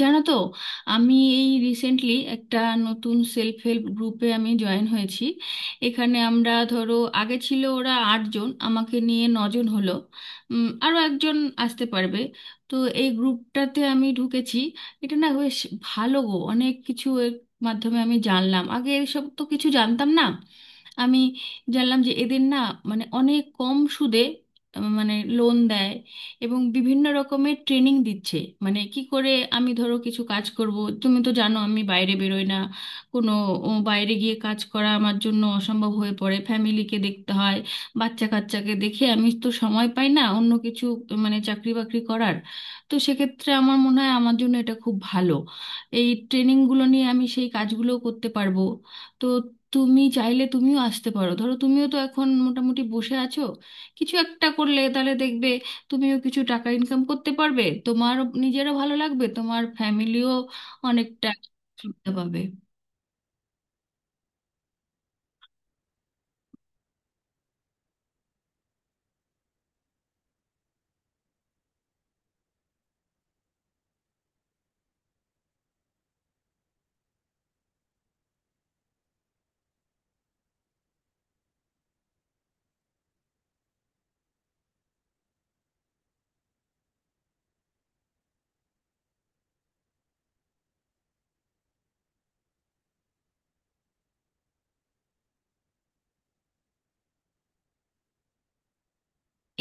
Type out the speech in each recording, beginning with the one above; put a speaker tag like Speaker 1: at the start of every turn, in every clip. Speaker 1: জানো তো, আমি এই রিসেন্টলি একটা নতুন সেলফ হেল্প গ্রুপে আমি জয়েন হয়েছি। এখানে আমরা, ধরো, আগে ছিল ওরা আটজন, আমাকে নিয়ে নজন হলো। আরো একজন আসতে পারবে। তো এই গ্রুপটাতে আমি ঢুকেছি। এটা না বেশ ভালো গো, অনেক কিছু এর মাধ্যমে আমি জানলাম, আগে এসব তো কিছু জানতাম না। আমি জানলাম যে এদের না, মানে অনেক কম সুদে মানে লোন দেয়, এবং বিভিন্ন রকমের ট্রেনিং দিচ্ছে। মানে কি করে আমি ধরো কিছু কাজ করব। তুমি তো জানো আমি বাইরে বেরোই না, কোনো বাইরে গিয়ে কাজ করা আমার জন্য অসম্ভব হয়ে পড়ে, ফ্যামিলিকে দেখতে হয়, বাচ্চা কাচ্চাকে দেখে আমি তো সময় পাই না অন্য কিছু, মানে চাকরি বাকরি করার। তো সেক্ষেত্রে আমার মনে হয় আমার জন্য এটা খুব ভালো। এই ট্রেনিংগুলো নিয়ে আমি সেই কাজগুলো করতে পারবো। তো তুমি চাইলে তুমিও আসতে পারো, ধরো তুমিও তো এখন মোটামুটি বসে আছো, কিছু একটা করলে তাহলে দেখবে তুমিও কিছু টাকা ইনকাম করতে পারবে, তোমার নিজেরও ভালো লাগবে, তোমার ফ্যামিলিও অনেকটা সুবিধা পাবে।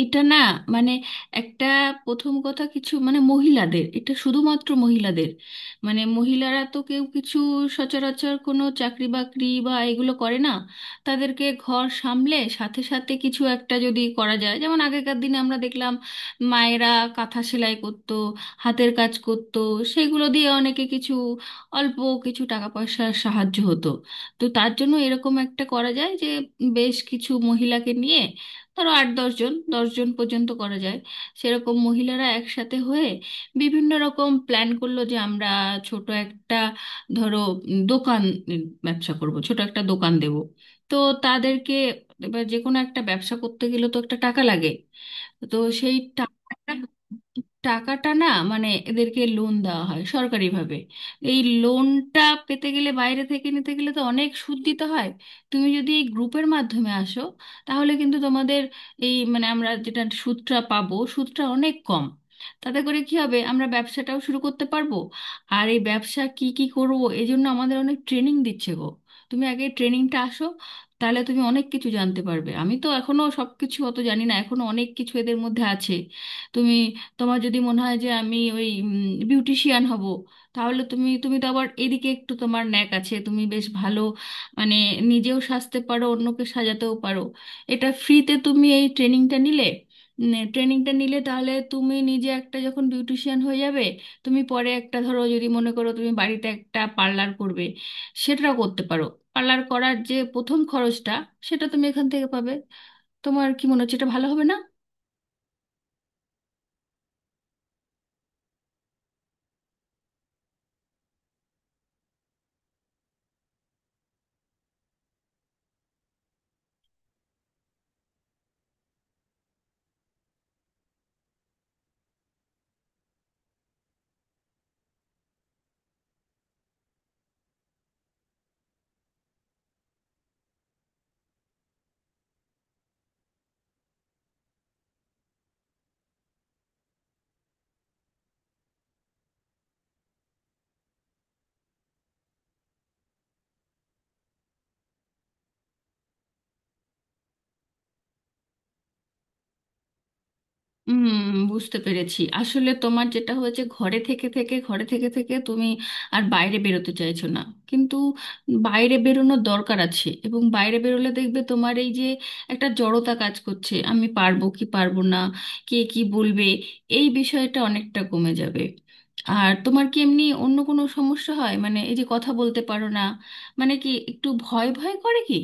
Speaker 1: এটা না মানে একটা প্রথম কথা, কিছু মানে মহিলাদের, এটা শুধুমাত্র মহিলাদের। মানে মহিলারা তো কেউ কিছু সচরাচর কোনো চাকরি বাকরি বা এগুলো করে না। তাদেরকে ঘর সামলে সাথে সাথে কিছু একটা যদি করা যায়, যেমন আগেকার দিনে আমরা দেখলাম মায়েরা কাঁথা সেলাই করতো, হাতের কাজ করতো, সেগুলো দিয়ে অনেকে কিছু অল্প কিছু টাকা পয়সার সাহায্য হতো। তো তার জন্য এরকম একটা করা যায় যে বেশ কিছু মহিলাকে নিয়ে, ধরো আট দশজন, দশজন পর্যন্ত করা যায়, সেরকম মহিলারা একসাথে হয়ে বিভিন্ন রকম প্ল্যান করলো যে আমরা ছোট একটা, ধরো, দোকান, উম, ব্যবসা করব, ছোট একটা দোকান দেব। তো তাদেরকে, এবার যে কোনো একটা ব্যবসা করতে গেলে তো একটা টাকা লাগে, তো সেই টাকাটা টাকাটা না, মানে এদেরকে লোন দেওয়া হয় সরকারিভাবে। এই লোনটা পেতে গেলে, বাইরে থেকে নিতে গেলে তো অনেক সুদ দিতে হয়। তুমি যদি এই গ্রুপের মাধ্যমে আসো, তাহলে কিন্তু তোমাদের এই মানে আমরা যেটা সুদটা পাবো, সুদটা অনেক কম। তাতে করে কি হবে, আমরা ব্যবসাটাও শুরু করতে পারবো। আর এই ব্যবসা কি কি করবো, এই জন্য আমাদের অনেক ট্রেনিং দিচ্ছে গো। তুমি আগে ট্রেনিংটা আসো, তাহলে তুমি অনেক কিছু জানতে পারবে, আমি তো এখনো সবকিছু অত জানি না, এখনো অনেক কিছু এদের মধ্যে আছে। তুমি, তোমার যদি মনে হয় যে আমি ওই বিউটিশিয়ান হব, তাহলে তুমি তুমি তো আবার এদিকে একটু তোমার ন্যাক আছে, তুমি বেশ ভালো মানে নিজেও সাজতে পারো, অন্যকে সাজাতেও পারো। এটা ফ্রিতে তুমি এই ট্রেনিংটা নিলে, তাহলে তুমি নিজে একটা, যখন বিউটিশিয়ান হয়ে যাবে, তুমি পরে একটা, ধরো, যদি মনে করো তুমি বাড়িতে একটা পার্লার করবে, সেটাও করতে পারো। পার্লার করার যে প্রথম খরচটা, সেটা তুমি এখান থেকে পাবে। তোমার কি মনে হচ্ছে এটা ভালো হবে না? হুম, বুঝতে পেরেছি। আসলে তোমার যেটা হয়েছে, ঘরে থেকে থেকে তুমি আর বাইরে বেরোতে চাইছো না, কিন্তু বাইরে বেরোনোর দরকার আছে। এবং বাইরে বেরোলে দেখবে তোমার এই যে একটা জড়তা কাজ করছে, আমি পারবো কি পারবো না, কে কি বলবে, এই বিষয়টা অনেকটা কমে যাবে। আর তোমার কি এমনি অন্য কোনো সমস্যা হয়, মানে এই যে কথা বলতে পারো না, মানে কি একটু ভয় ভয় করে কি?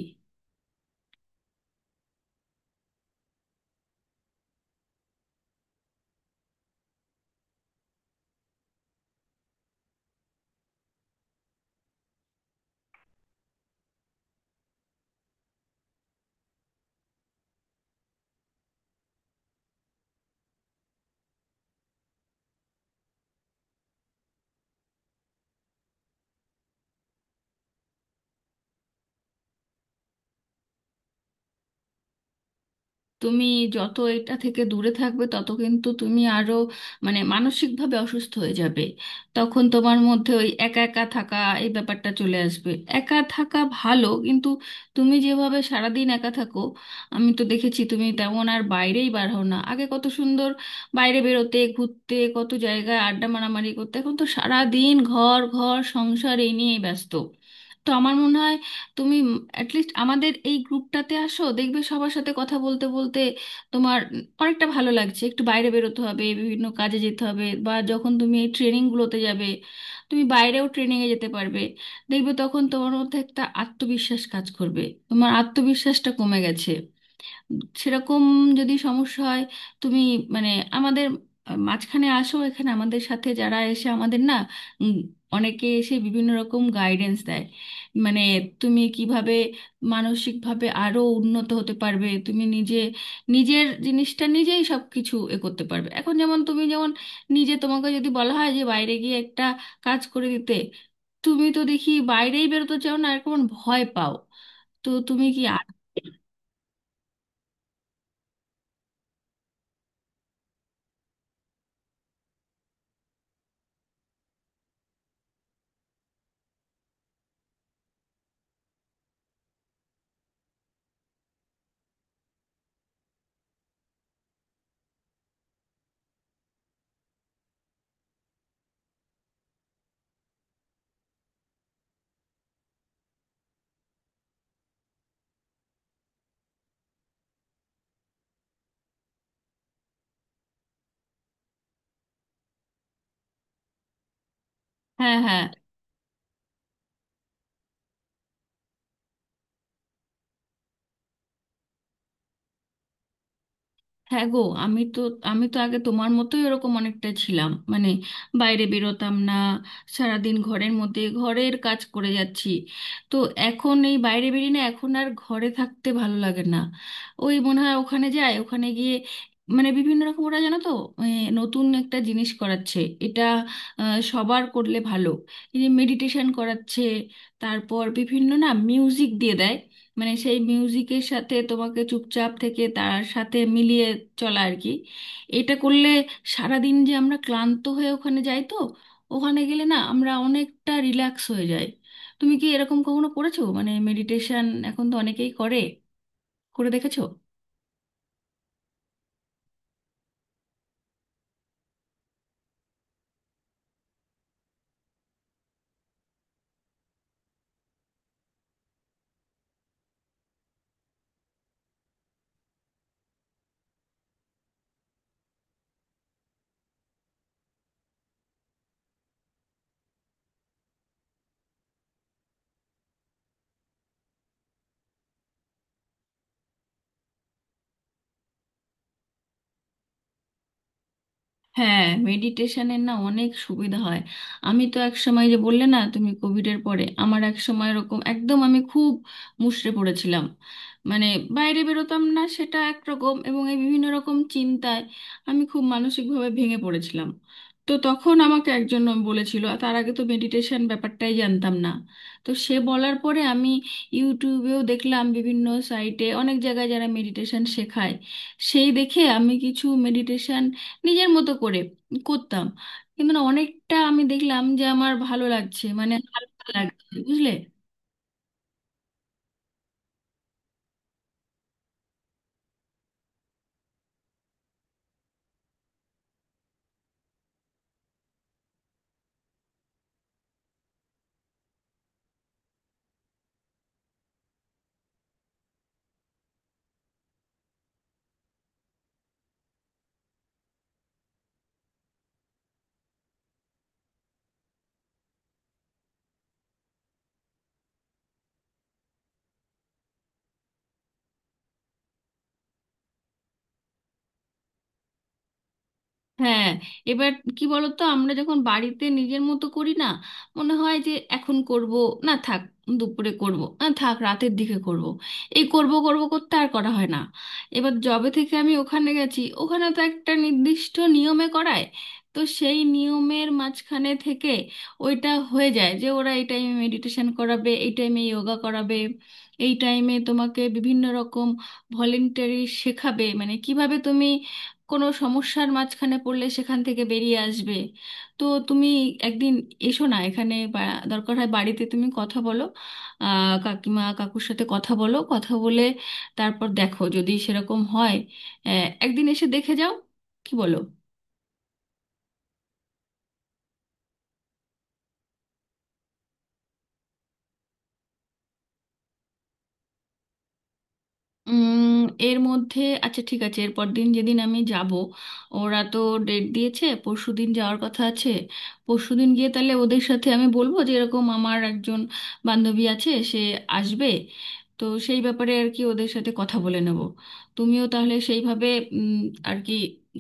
Speaker 1: তুমি যত এটা থেকে দূরে থাকবে, তত কিন্তু তুমি আরো মানে মানসিকভাবে অসুস্থ হয়ে যাবে। তখন তোমার মধ্যে ওই একা একা থাকা এই ব্যাপারটা চলে আসবে। একা থাকা ভালো, কিন্তু তুমি যেভাবে সারাদিন একা থাকো, আমি তো দেখেছি তুমি তেমন আর বাইরেই বার হও না। আগে কত সুন্দর বাইরে বেরোতে, ঘুরতে, কত জায়গায় আড্ডা মারামারি করতে, এখন তো সারাদিন ঘর ঘর সংসার এই নিয়েই ব্যস্ত। তো আমার মনে হয় তুমি অ্যাটলিস্ট আমাদের এই গ্রুপটাতে আসো, দেখবে সবার সাথে কথা বলতে বলতে তোমার অনেকটা ভালো লাগছে। একটু বাইরে বেরোতে হবে, বিভিন্ন কাজে যেতে হবে, বা যখন তুমি এই ট্রেনিংগুলোতে যাবে, তুমি বাইরেও ট্রেনিংয়ে যেতে পারবে। দেখবে তখন তোমার মধ্যে একটা আত্মবিশ্বাস কাজ করবে। তোমার আত্মবিশ্বাসটা কমে গেছে। সেরকম যদি সমস্যা হয়, তুমি মানে আমাদের মাঝখানে আসো, এখানে আমাদের সাথে যারা এসে আমাদের না, উম, অনেকে এসে বিভিন্ন রকম গাইডেন্স দেয়। মানে তুমি কিভাবে মানসিকভাবে আরো উন্নত হতে পারবে, তুমি নিজে নিজের জিনিসটা নিজেই সব কিছু এ করতে পারবে। এখন যেমন তুমি, যেমন নিজে, তোমাকে যদি বলা হয় যে বাইরে গিয়ে একটা কাজ করে দিতে, তুমি তো দেখি বাইরেই বেরোতে চাও না, আর কেমন ভয় পাও। তো তুমি কি হ্যাঁ, হ্যাঁ। হ্যাঁ গো, আমি তো আমি তো আগে তোমার মতোই এরকম অনেকটা ছিলাম, মানে বাইরে বেরোতাম না, সারাদিন ঘরের মধ্যে ঘরের কাজ করে যাচ্ছি। তো এখন এই বাইরে বেরিয়ে না, এখন আর ঘরে থাকতে ভালো লাগে না। ওই মনে হয় ওখানে যায়, ওখানে গিয়ে মানে বিভিন্ন রকম ওরা, জানো তো, এ, নতুন একটা জিনিস করাচ্ছে। এটা সবার করলে ভালো। এই মেডিটেশন করাচ্ছে, তারপর বিভিন্ন না মিউজিক দিয়ে দেয়, মানে সেই মিউজিকের সাথে তোমাকে চুপচাপ থেকে তার সাথে মিলিয়ে চলা আর কি। এটা করলে, সারাদিন যে আমরা ক্লান্ত হয়ে ওখানে যাই তো, ওখানে গেলে না আমরা অনেকটা রিল্যাক্স হয়ে যাই। তুমি কি এরকম কখনো করেছো? মানে মেডিটেশন এখন তো অনেকেই করে, করে দেখেছো? হ্যাঁ, মেডিটেশনের না অনেক সুবিধা হয়। আমি তো এক সময়, যে বললে না তুমি কোভিড এর পরে, আমার এক সময় এরকম একদম আমি খুব মুষড়ে পড়েছিলাম। মানে বাইরে বেরোতাম না সেটা একরকম, এবং এই বিভিন্ন রকম চিন্তায় আমি খুব মানসিকভাবে ভেঙে পড়েছিলাম। তো তখন আমাকে একজন বলেছিল, আর তার আগে তো মেডিটেশন ব্যাপারটাই জানতাম না। তো সে বলার পরে আমি ইউটিউবেও দেখলাম, বিভিন্ন সাইটে অনেক জায়গায় যারা মেডিটেশন শেখায়, সেই দেখে আমি কিছু মেডিটেশন নিজের মতো করে করতাম। কিন্তু না, অনেকটা আমি দেখলাম যে আমার ভালো লাগছে, মানে হালকা লাগছে, বুঝলে? হ্যাঁ। এবার কি বলতো আমরা যখন বাড়িতে নিজের মতো করি না, মনে হয় যে এখন করব, না থাক, দুপুরে করব, না থাক রাতের দিকে করব। এই করব করব করতে আর করা হয় না। এবার জবে থেকে আমি ওখানে গেছি, ওখানে তো একটা নির্দিষ্ট নিয়মে করায়। তো সেই নিয়মের মাঝখানে থেকে ওইটা হয়ে যায় যে ওরা এই টাইমে মেডিটেশন করাবে, এই টাইমে যোগা করাবে, এই টাইমে তোমাকে বিভিন্ন রকম ভলেন্টারি শেখাবে, মানে কিভাবে তুমি কোনো সমস্যার মাঝখানে পড়লে সেখান থেকে বেরিয়ে আসবে। তো তুমি একদিন এসো না এখানে, বা দরকার হয় বাড়িতে তুমি কথা বলো, কাকিমা কাকুর সাথে কথা বলো, কথা বলে তারপর দেখো, যদি সেরকম হয় একদিন এসে দেখে যাও। কি বলো? উম এর মধ্যে, আচ্ছা ঠিক আছে, এরপর দিন যেদিন আমি যাব, ওরা তো ডেট দিয়েছে, পরশুদিন যাওয়ার কথা আছে। পরশুদিন গিয়ে তাহলে ওদের সাথে আমি বলবো যে এরকম আমার একজন বান্ধবী আছে, সে আসবে। তো সেই ব্যাপারে আর কি ওদের সাথে কথা বলে নেব। তুমিও তাহলে সেইভাবে, উম, আর কি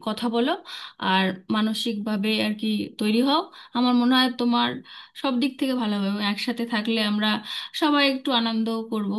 Speaker 1: কথা বলো, আর মানসিকভাবে আর কি তৈরি হও। আমার মনে হয় তোমার সব দিক থেকে ভালো হবে, এবং একসাথে থাকলে আমরা সবাই একটু আনন্দ করব।